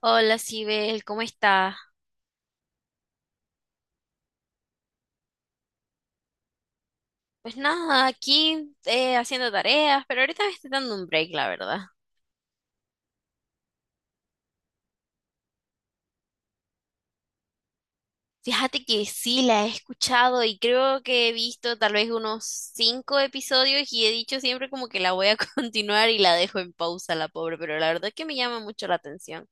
Hola, Sibel, ¿cómo está? Pues nada, aquí haciendo tareas, pero ahorita me estoy dando un break, la verdad. Fíjate que sí, la he escuchado y creo que he visto tal vez unos cinco episodios y he dicho siempre como que la voy a continuar y la dejo en pausa, la pobre, pero la verdad es que me llama mucho la atención.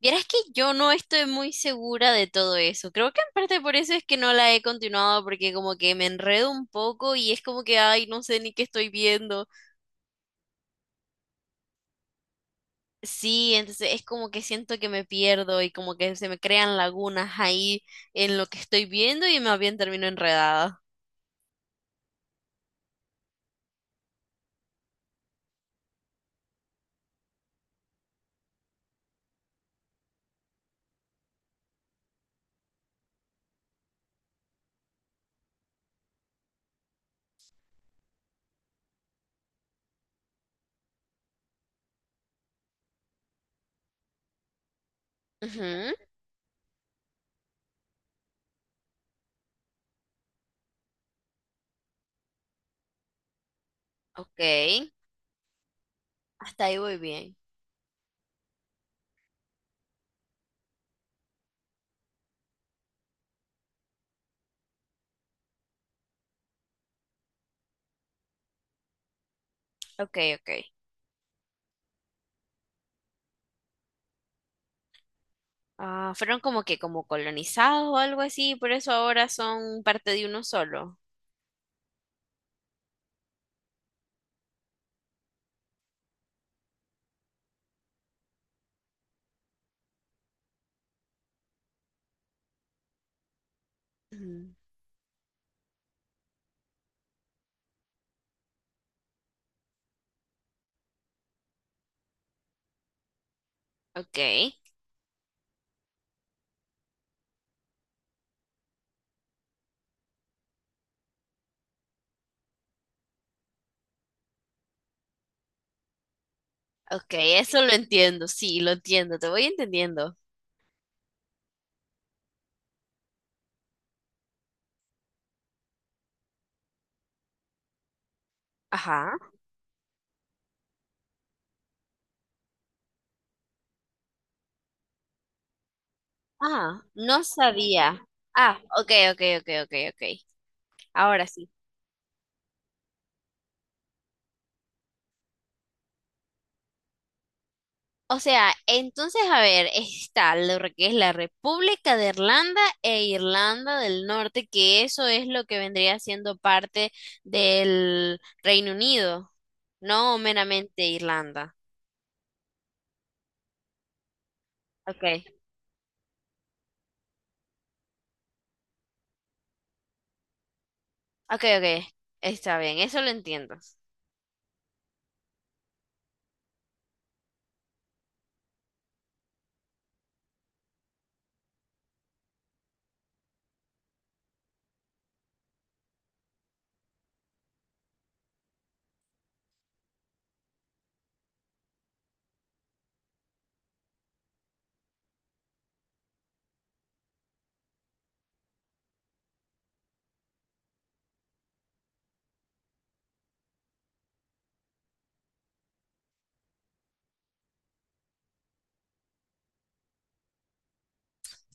Vieras que yo no estoy muy segura de todo eso. Creo que en parte por eso es que no la he continuado porque como que me enredo un poco y es como que, ay, no sé ni qué estoy viendo. Sí, entonces es como que siento que me pierdo y como que se me crean lagunas ahí en lo que estoy viendo y más bien termino enredada. Ujú. Ok, hasta ahí voy bien. Ok, ok. Ah, fueron como que como colonizados o algo así, por eso ahora son parte de uno solo. Ujú. Ok, ok, eso lo entiendo, sí, lo entiendo, te voy entendiendo. Ajá. Ah, no sabía. Ah, ok, ok, ok, ok, ok. Ahora sí. O sea, entonces, a ver, está lo que es la República de Irlanda e Irlanda del Norte, que eso es lo que vendría siendo parte del Reino Unido, no meramente Irlanda. Ok, ok, ok, está bien, eso lo entiendo.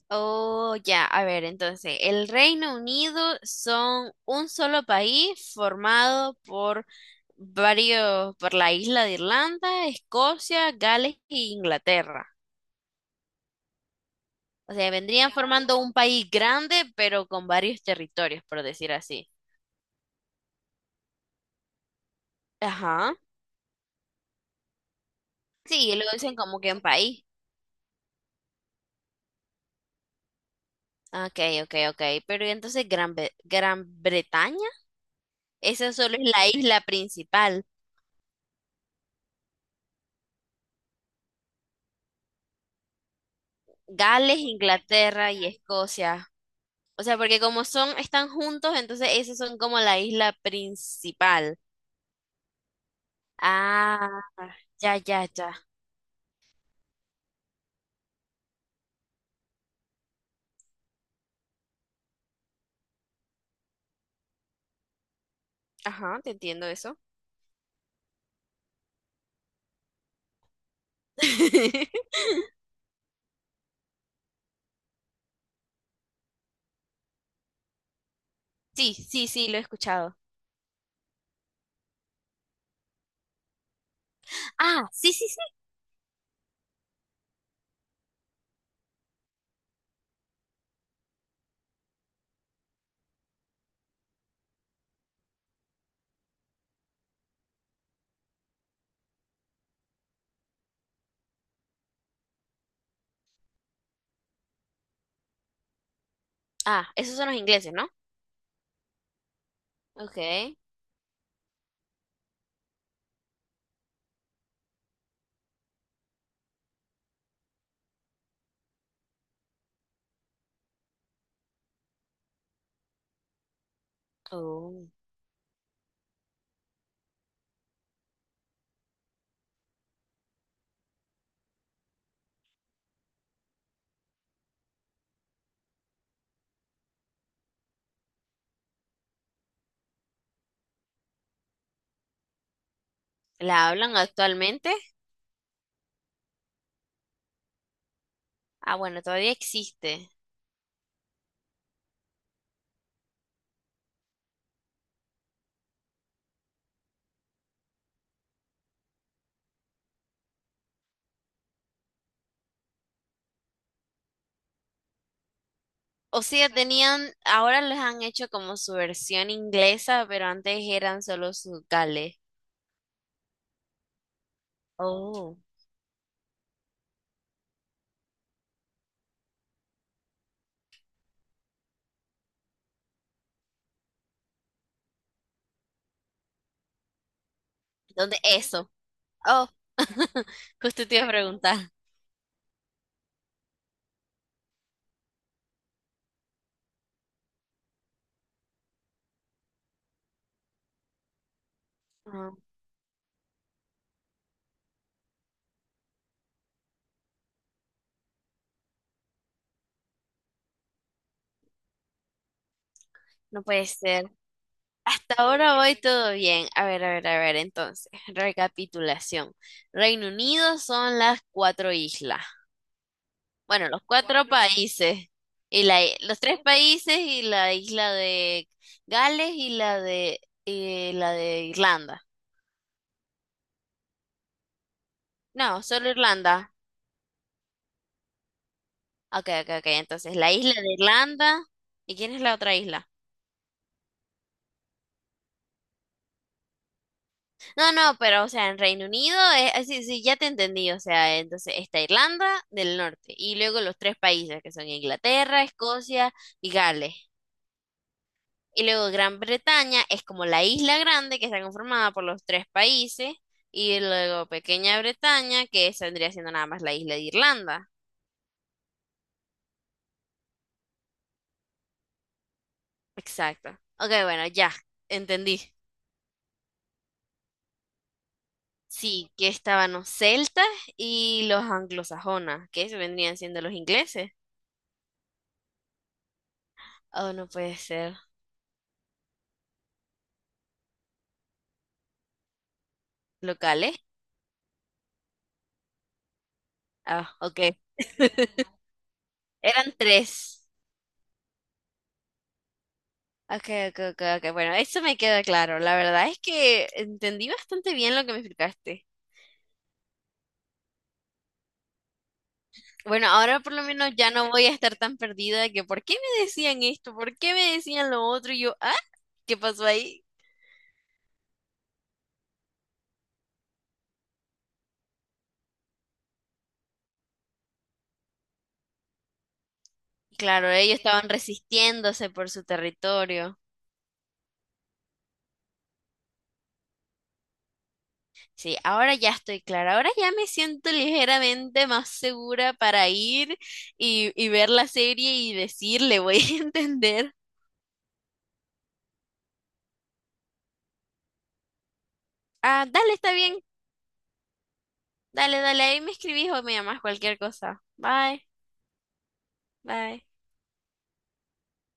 Oh, ya, a ver, entonces, el Reino Unido son un solo país formado por varios, por la isla de Irlanda, Escocia, Gales e Inglaterra. O sea, vendrían formando un país grande, pero con varios territorios, por decir así. Ajá. Sí, lo dicen como que un país. Ok, ok, ok. Pero ¿y entonces Gran Bretaña, esa solo es la isla principal? Gales, Inglaterra y Escocia. O sea, porque como son, están juntos, entonces esas son como la isla principal. Ah, ya, ya, ya. Ajá, te entiendo eso. Sí, sí, sí, lo he escuchado. Ah, sí, sí, sí. Ah, esos son los ingleses, ¿no? Okay. Oh. ¿La hablan actualmente? Ah, bueno, todavía existe. O sea, tenían, ahora les han hecho como su versión inglesa, pero antes eran solo sus gales. Oh. ¿Dónde eso? Oh, justo te iba a preguntar. Ah, no puede ser. Hasta ahora voy todo bien. A ver, a ver, a ver, entonces, recapitulación. Reino Unido son las cuatro islas. Bueno, los cuatro países los tres países y la isla de Gales y la de Irlanda. No, solo Irlanda. Ok, ok, ok. Entonces, la isla de Irlanda. ¿Y quién es la otra isla? No, no, pero o sea, en Reino Unido es así, sí, sí, ya te entendí. O sea, entonces está Irlanda del Norte y luego los tres países que son Inglaterra, Escocia y Gales. Y luego Gran Bretaña es como la isla grande que está conformada por los tres países. Y luego Pequeña Bretaña, que esa vendría siendo nada más la isla de Irlanda. Exacto. Ok, bueno, ya, entendí. Sí, que estaban los celtas y los anglosajonas, que eso vendrían siendo los ingleses. Oh, no puede ser. ¿Locales? Ah, ok. Eran tres. Ok, ok, ok, ok. Bueno, eso me queda claro. La verdad es que entendí bastante bien lo que me explicaste. Bueno, ahora por lo menos ya no voy a estar tan perdida de que ¿por qué me decían esto? ¿Por qué me decían lo otro? Y yo, ah, ¿qué pasó ahí? Claro, ellos estaban resistiéndose por su territorio. Sí, ahora ya estoy clara. Ahora ya me siento ligeramente más segura para ir y ver la serie y decirle, voy a entender. Ah, dale, está bien. Dale, dale, ahí me escribís o me llamás cualquier cosa. Bye, bye.